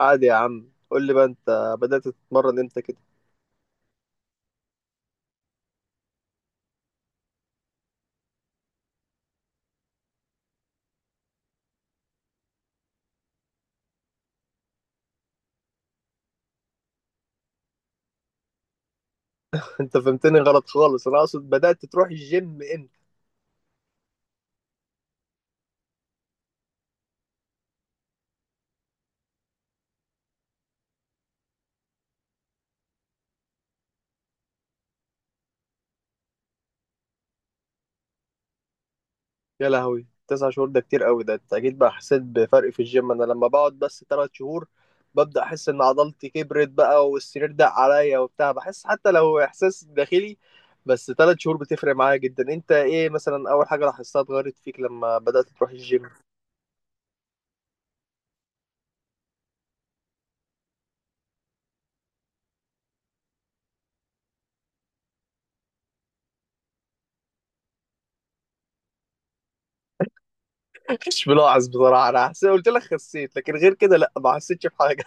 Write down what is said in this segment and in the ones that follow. عادي يا عم، قول لي بقى، انت بدأت تتمرن امتى كده؟ انت فهمتني غلط خالص. انا اقصد بدأت تروح الجيم امتى؟ يا لهوي، تسع شهور؟ ده كتير قوي. ده انت اكيد بقى حسيت بفرق في الجيم. انا لما بقعد بس تلات شهور ببدأ احس ان عضلتي كبرت بقى، والسرير دق عليا وبتاع. بحس حتى لو احساس داخلي، بس تلات شهور بتفرق معايا جدا. انت ايه مثلا اول حاجة لاحظتها اتغيرت فيك لما بدأت تروح الجيم؟ مش ملاحظ بصراحة. انا حسيت، قلت لك خسيت، لكن غير كده لا، ما حسيتش بحاجة.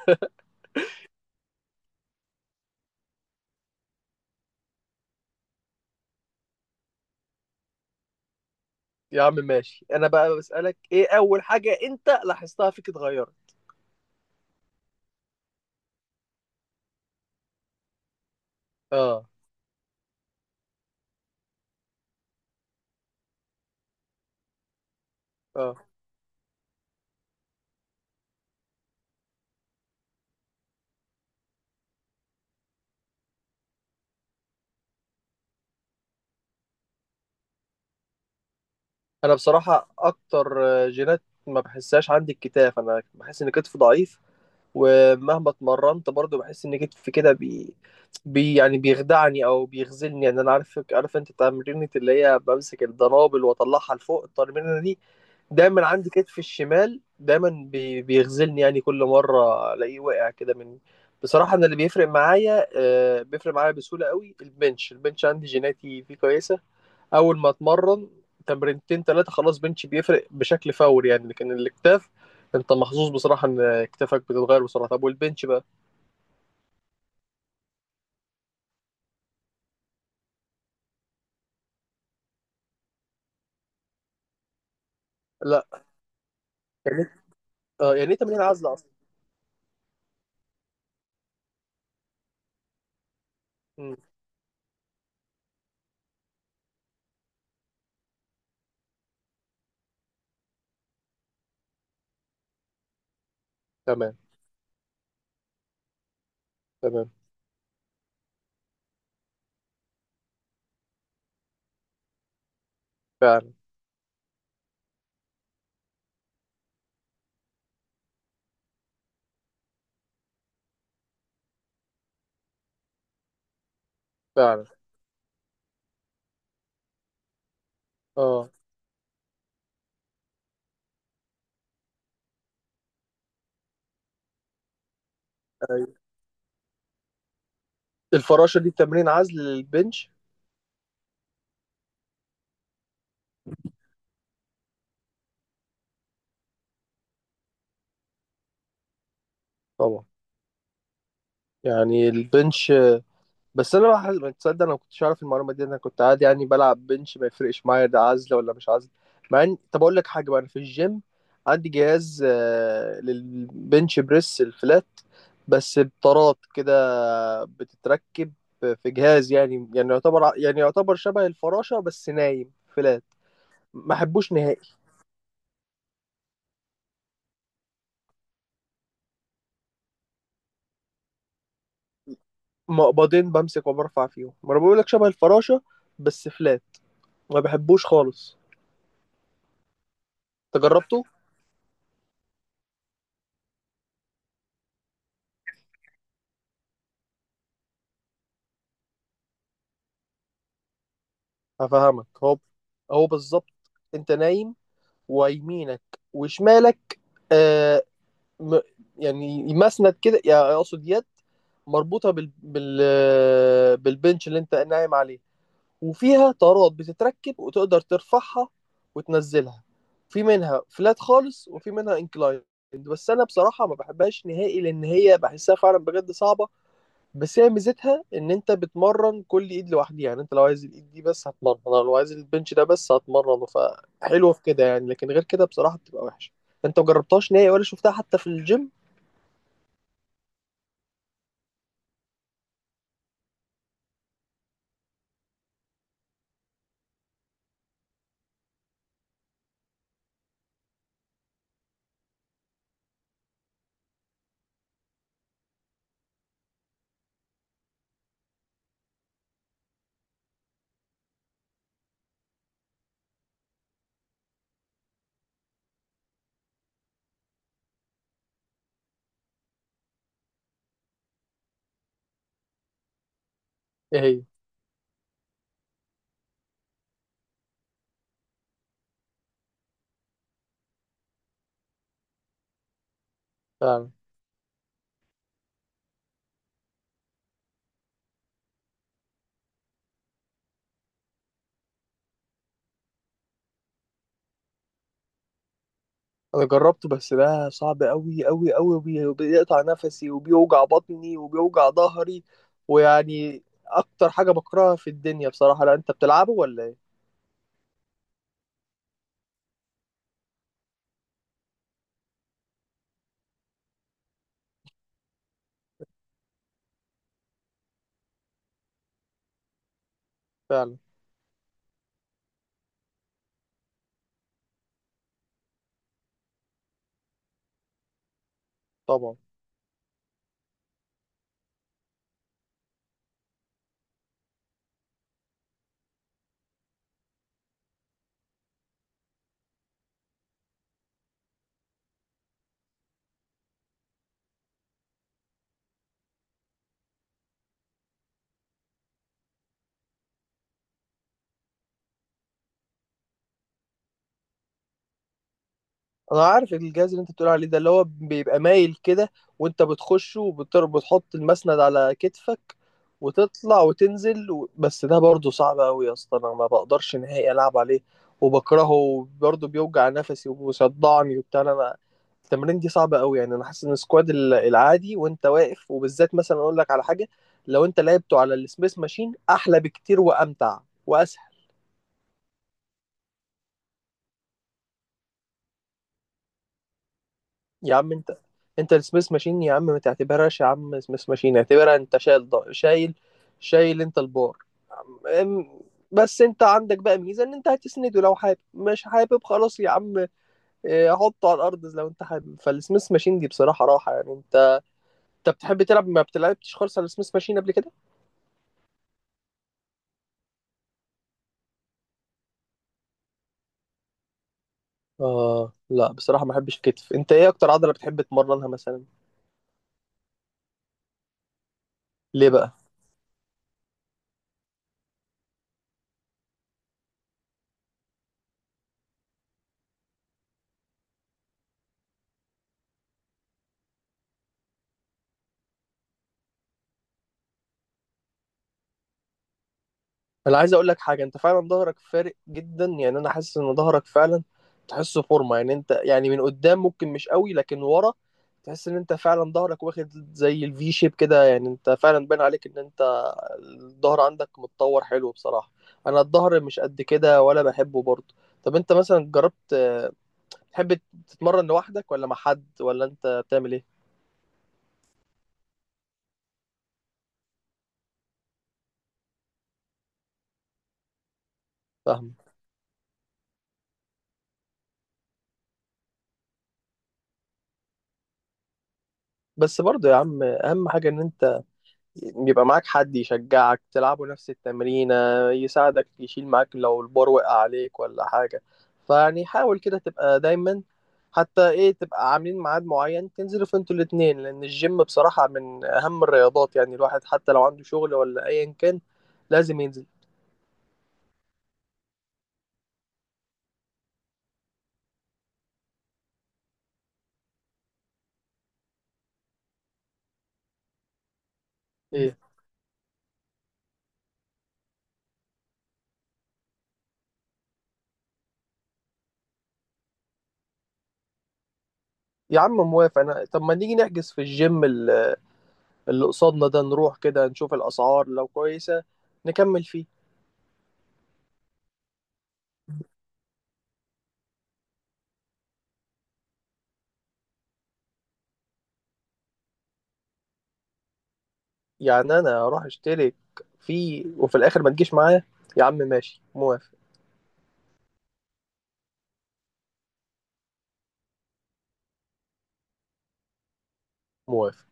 يا عم ماشي، انا بقى بسألك ايه اول حاجة انت لاحظتها فيك اتغيرت. اه اه، انا بصراحة اكتر جينات ما بحسهاش عندي الكتاف. انا بحس ان كتفي ضعيف، ومهما اتمرنت برضو بحس ان كتفي كده بي يعني بيخدعني او بيخذلني. يعني انا عارف، عارف انت تمرينة اللي هي بمسك الدنابل واطلعها لفوق، التمرينة دي دايما عندي كتفي الشمال دايما بيغزلني، يعني كل مرة الاقيه واقع كده من. بصراحة انا اللي بيفرق معايا بيفرق معايا بسهولة قوي البنش. البنش عندي جيناتي فيه كويسة. اول ما اتمرن تمرينتين ثلاثة خلاص بنش بيفرق بشكل فوري يعني. لكن الاكتاف، انت محظوظ بصراحة ان اكتافك بتتغير بسرعة. طب والبنش بقى؟ لا، يعني اه، يعني ايه تمرين عزل اصلا؟ مم، تمام. تمام. فعلا. فعلا. اه. أيوة. الفراشة دي تمرين عزل للبنش؟ طبعا. يعني البنش، بس انا بقى ما تصدق، انا ما كنتش اعرف المعلومه دي. انا كنت عادي يعني بلعب بنش ما يفرقش معايا ده عزله ولا مش عزله. مع ان، طب اقول لك حاجه بقى، انا في الجيم عندي جهاز للبنش بريس الفلات، بس بطارات كده بتتركب في جهاز، يعني يعتبر يعني يعتبر شبه الفراشه بس نايم فلات. ما احبوش نهائي. مقبضين بمسك وبرفع فيهم، ما انا بقول لك شبه الفراشه بس فلات. ما بحبوش خالص. تجربته. هفهمك، هو هو بالظبط انت نايم، ويمينك وشمالك آه م يعني مسند كده، يعني اقصد يد مربوطه بال بالبنش اللي انت نايم عليه، وفيها طارات بتتركب وتقدر ترفعها وتنزلها. في منها فلات خالص وفي منها انكلاين، بس انا بصراحه ما بحبهاش نهائي، لان هي بحسها فعلا بجد صعبه. بس هي ميزتها ان انت بتمرن كل ايد لوحدها. يعني انت لو عايز الايد دي بس هتمرن، لو عايز البنش ده بس هتمرنه، فحلوه في كده يعني. لكن غير كده بصراحه بتبقى وحشه. انت مجربتهاش نهائي ولا شفتها حتى في الجيم؟ ايه هي؟ فعلا. انا جربته، بس ده صعب قوي قوي قوي، وبيقطع نفسي وبيوجع بطني وبيوجع ظهري، ويعني اكتر حاجه بكرهها في الدنيا بصراحه. لا انت بتلعبه ولا ايه؟ فعلا. طبعا. انا عارف الجهاز اللي انت بتقول عليه ده، اللي هو بيبقى مايل كده، وانت بتخشه وبتحط المسند على كتفك وتطلع وتنزل و... بس ده برضه صعب قوي يا اسطى. انا ما بقدرش نهائي العب عليه وبكرهه برضه، بيوجع نفسي وبيصدعني وبتاع. انا التمرين دي صعبة قوي. يعني انا حاسس ان السكواد العادي وانت واقف، وبالذات مثلا اقول لك على حاجة، لو انت لعبته على السميث ماشين احلى بكتير وامتع واسهل. يا عم انت السميث ماشين يا عم ما تعتبرهاش يا عم. سميث ماشين اعتبرها انت شايل شايل، شايل انت البار. ام- بس انت عندك بقى ميزه ان انت هتسنده لو حابب، مش حابب خلاص يا عم، اه، حطه على الارض لو انت حابب. فالسميث ماشين دي بصراحه راحه يعني. انت انت بتحب تلعب، ما بتلعبتش خالص على السميث ماشين قبل كده؟ اه لا بصراحه ما بحبش الكتف. انت ايه اكتر عضله بتحب تمرنها مثلا؟ ليه بقى؟ انا عايز اقول لك حاجه، انت فعلا ظهرك فارق جدا. يعني انا حاسس ان ظهرك فعلا تحسه فورمه. يعني انت يعني من قدام ممكن مش قوي، لكن ورا تحس ان انت فعلا ظهرك واخد زي الفي شيب كده. يعني انت فعلا باين عليك ان انت الظهر عندك متطور حلو بصراحه. انا الظهر مش قد كده ولا بحبه برضه. طب انت مثلا جربت تحب تتمرن لوحدك ولا مع حد، ولا انت بتعمل ايه؟ فاهم. بس برضه يا عم اهم حاجه ان انت يبقى معاك حد يشجعك، تلعبوا نفس التمرينة، يساعدك يشيل معاك لو البار وقع عليك ولا حاجة. فيعني حاول كده تبقى دايما، حتى ايه، تبقى عاملين ميعاد معين تنزلوا فيه انتوا الاتنين، لأن الجيم بصراحة من أهم الرياضات. يعني الواحد حتى لو عنده شغل ولا أيا كان لازم ينزل. ايه يا عم، موافق أنا. طب ما نيجي نحجز في الجيم اللي قصادنا ده، نروح كده نشوف الأسعار، لو كويسة نكمل فيه. يعني انا اروح اشترك فيه وفي الاخر ما تجيش معايا؟ يا عم ماشي، موافق، موافق.